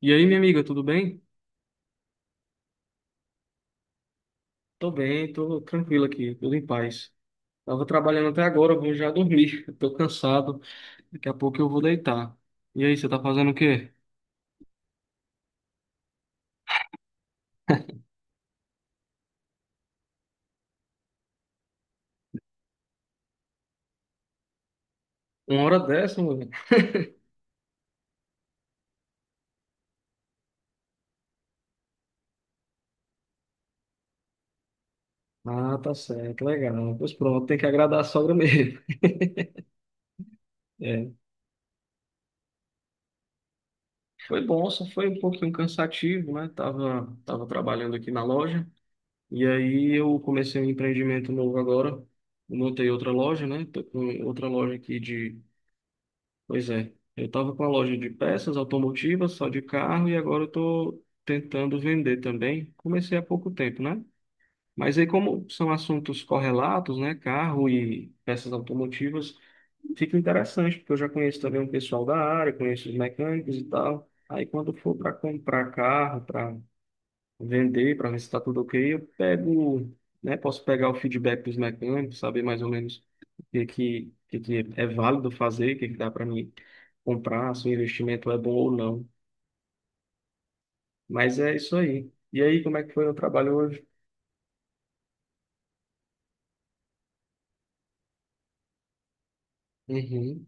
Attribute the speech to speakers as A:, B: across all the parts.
A: E aí, minha amiga, tudo bem? Tô bem, tô tranquilo aqui, tudo em paz. Tava trabalhando até agora, vou já dormir. Tô cansado, daqui a pouco eu vou deitar. E aí, você tá fazendo o quê? Uma hora dessa, mano? Ah, tá certo, legal. Pois pronto, tem que agradar a sogra mesmo. É. Foi bom, só foi um pouquinho cansativo, né? Tava trabalhando aqui na loja, e aí eu comecei um empreendimento novo agora. Montei outra loja, né? Tô com outra loja aqui de... Pois é, eu estava com a loja de peças automotivas, só de carro, e agora eu estou tentando vender também. Comecei há pouco tempo, né? Mas aí, como são assuntos correlatos, né? Carro e peças automotivas, fica interessante, porque eu já conheço também um pessoal da área, conheço os mecânicos e tal. Aí, quando for para comprar carro, para vender, para ver se está tudo ok, eu pego, né? Posso pegar o feedback dos mecânicos, saber mais ou menos o que que é válido fazer, o que que dá para mim comprar, se o investimento é bom ou não. Mas é isso aí. E aí, como é que foi o trabalho hoje? Uhum,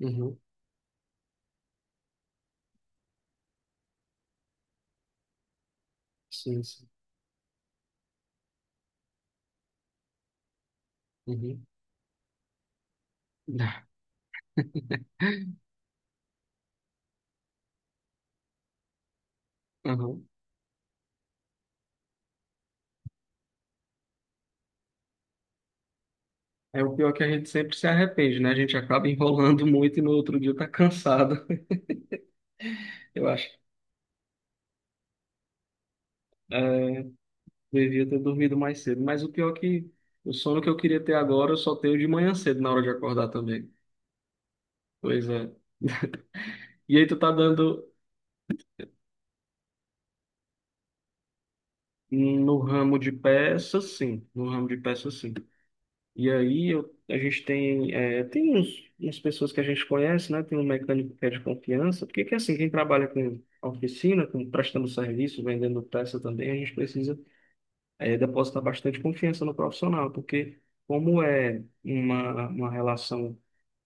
A: uhum, sim, sim. Uhum. Uhum. É o pior que a gente sempre se arrepende, né? A gente acaba enrolando muito e no outro dia tá cansado. Eu acho. É, devia ter dormido mais cedo, mas o pior é que o sono que eu queria ter agora eu só tenho de manhã cedo, na hora de acordar também. Pois é. E aí tu tá dando no ramo de peças, sim, no ramo de peças, sim. E aí a gente tem, tem umas pessoas que a gente conhece, né? Tem um mecânico que é de confiança, porque que assim, quem trabalha com oficina, com prestando serviço, vendendo peça também, a gente precisa, é, depositar bastante confiança no profissional, porque como é uma relação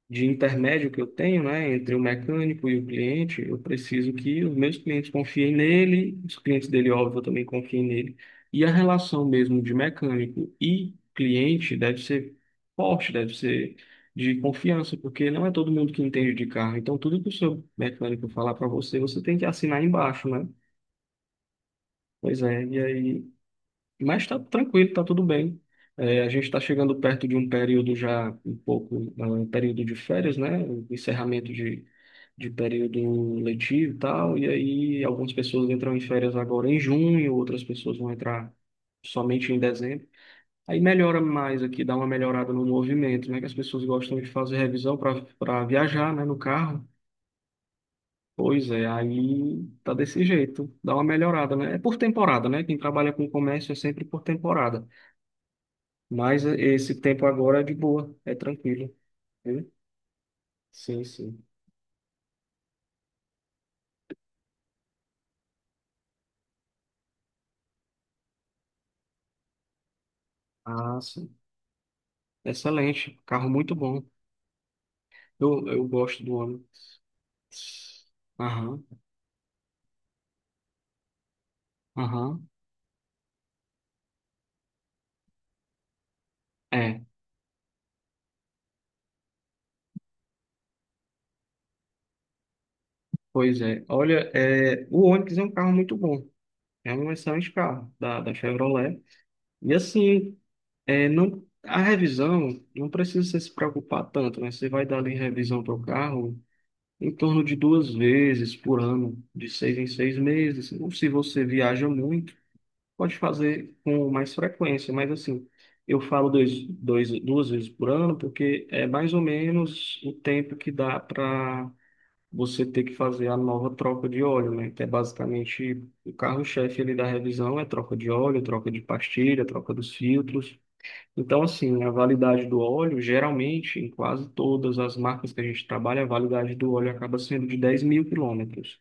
A: de intermédio que eu tenho, né, entre o mecânico e o cliente, eu preciso que os meus clientes confiem nele, os clientes dele, óbvio, também confiem nele. E a relação mesmo de mecânico e cliente deve ser forte, deve ser de confiança, porque não é todo mundo que entende de carro. Então, tudo que o seu mecânico falar para você, você tem que assinar embaixo, né? Pois é, e aí mas está tranquilo, está tudo bem. É, a gente está chegando perto de um período já um pouco, ah, um período de férias, né? O encerramento de período letivo e tal. E aí algumas pessoas entram em férias agora em junho, outras pessoas vão entrar somente em dezembro. Aí melhora mais aqui, dá uma melhorada no movimento, né? Que as pessoas gostam de fazer revisão para viajar, né? No carro. Pois é, aí tá desse jeito, dá uma melhorada, né? É por temporada, né? Quem trabalha com comércio é sempre por temporada. Mas esse tempo agora é de boa, é tranquilo. Viu? Sim, sim. Ah, sim. Excelente. Carro muito bom. Eu gosto do Ônibus. Aham, aham. É, pois é. Olha, é, o Onix é um carro muito bom. É um excelente carro da Chevrolet. E assim, é, não, a revisão, não precisa você se preocupar tanto, né? Você vai dar ali revisão para o carro em torno de 2 vezes por ano, de 6 em 6 meses. Ou se você viaja muito, pode fazer com mais frequência, mas assim, eu falo duas vezes por ano, porque é mais ou menos o tempo que dá para você ter que fazer a nova troca de óleo, né? Que é basicamente o carro-chefe ali da revisão é troca de óleo, troca de pastilha, troca dos filtros. Então, assim, a validade do óleo, geralmente, em quase todas as marcas que a gente trabalha, a validade do óleo acaba sendo de 10.000 quilômetros.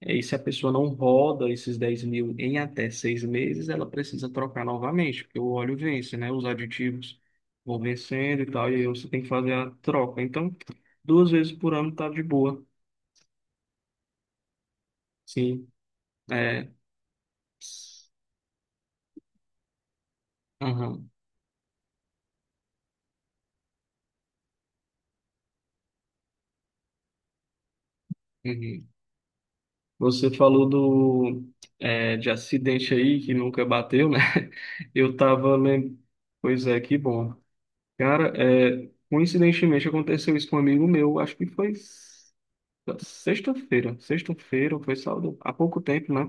A: É, e se a pessoa não roda esses 10.000 em até 6 meses, ela precisa trocar novamente, porque o óleo vence, né? Os aditivos vão vencendo e tal, e aí você tem que fazer a troca. Então, 2 vezes por ano tá de boa. Sim, é. Aham, uhum. Você falou do, é, de acidente aí que nunca bateu, né? Eu tava lembrando. Pois é, que bom. Cara, é, coincidentemente aconteceu isso com um amigo meu, acho que foi... Sexta-feira, foi sábado, há pouco tempo, né?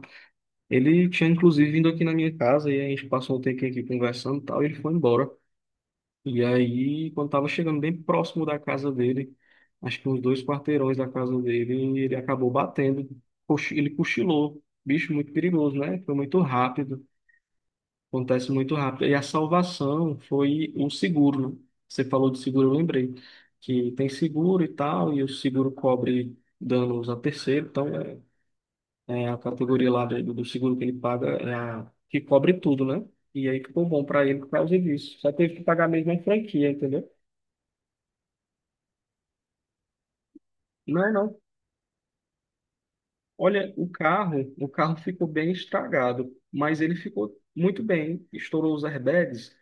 A: Ele tinha inclusive vindo aqui na minha casa e a gente passou um tempo aqui conversando e tal, e ele foi embora. E aí, quando tava chegando bem próximo da casa dele, acho que uns dois quarteirões da casa dele, ele acabou batendo, ele cochilou. Bicho muito perigoso, né? Foi muito rápido, acontece muito rápido. E a salvação foi o seguro, né? Você falou de seguro, eu lembrei, que tem seguro e tal, e o seguro cobre danos a terceiro, então. É a categoria lá do seguro que ele paga, é a que cobre tudo, né? E aí ficou bom para ele por causa disso. Só teve que pagar mesmo a franquia, entendeu? Não, é, não. Olha, o carro ficou bem estragado, mas ele ficou muito bem. Estourou os airbags.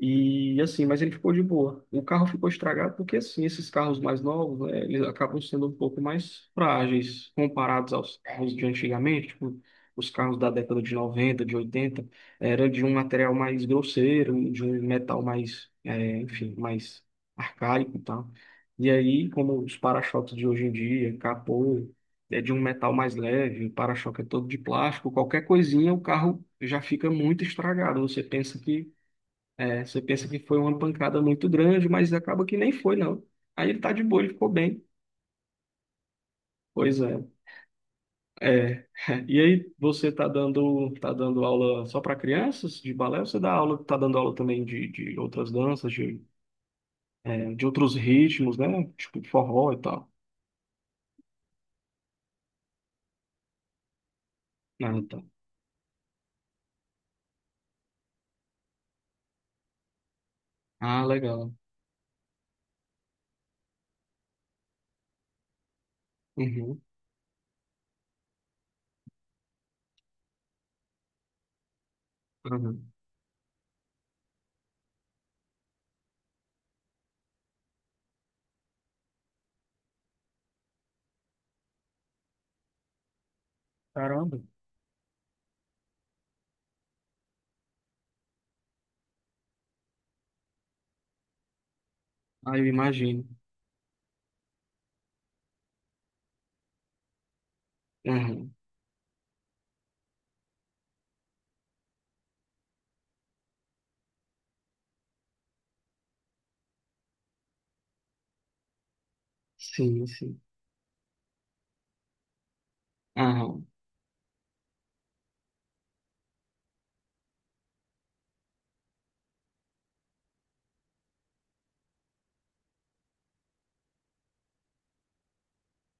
A: E assim, mas ele ficou de boa. O carro ficou estragado porque assim, esses carros mais novos, né, eles acabam sendo um pouco mais frágeis comparados aos carros de antigamente, tipo, os carros da década de 90, de 80, era de um material mais grosseiro, de um metal mais, é, enfim, mais arcaico e tal. E aí, como os para-choques de hoje em dia, capô, é de um metal mais leve, o para-choque é todo de plástico, qualquer coisinha, o carro já fica muito estragado. Você pensa que foi uma pancada muito grande, mas acaba que nem foi, não. Aí ele tá de boa, ele ficou bem. Pois é. É. E aí, você tá dando aula só para crianças de balé? Ou você dá aula, tá dando aula também de outras danças, de outros ritmos, né? Tipo forró e tal. Ah, tá. Ah, legal. Uhum, uhum. Caramba. Ah, eu imagino. Aham. Sim, sim. Aham.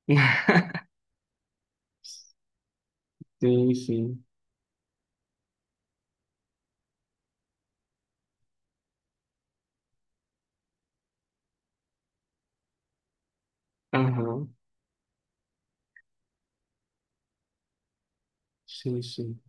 A: Sim, sim. Aham. Sim, sim.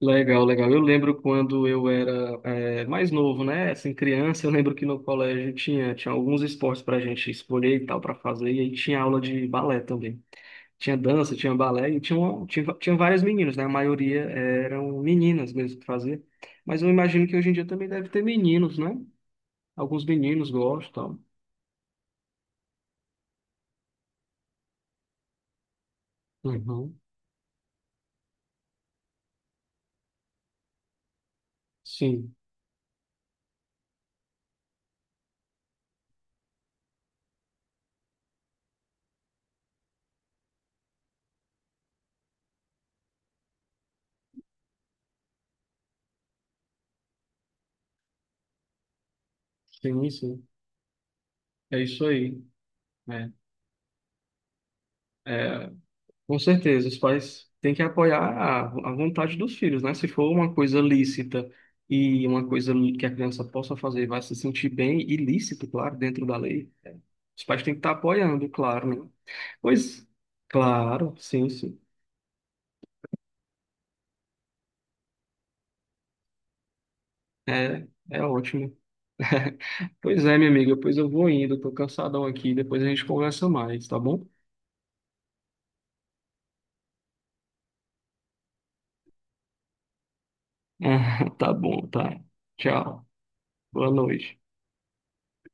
A: Legal, legal. Eu lembro quando eu era mais novo, né? Assim, criança, eu lembro que no colégio tinha, tinha alguns esportes para a gente escolher e tal para fazer, e aí tinha aula de balé também. Tinha dança, tinha balé, e tinha, tinha várias meninas, né? A maioria eram meninas mesmo que fazia. Mas eu imagino que hoje em dia também deve ter meninos, né? Alguns meninos gostam e tal. Uhum. Sim, sim, sim. É isso aí, né? Com certeza, os pais têm que apoiar a vontade dos filhos, né? Se for uma coisa lícita e uma coisa que a criança possa fazer, e vai se sentir bem e lícito, claro, dentro da lei, os pais têm que estar apoiando, claro, né? Pois, claro, sim, sim. É, é ótimo. Pois é, minha amiga, pois eu vou indo, tô cansadão aqui, depois a gente conversa mais, tá bom? Tá bom, tá. Tchau. Boa noite.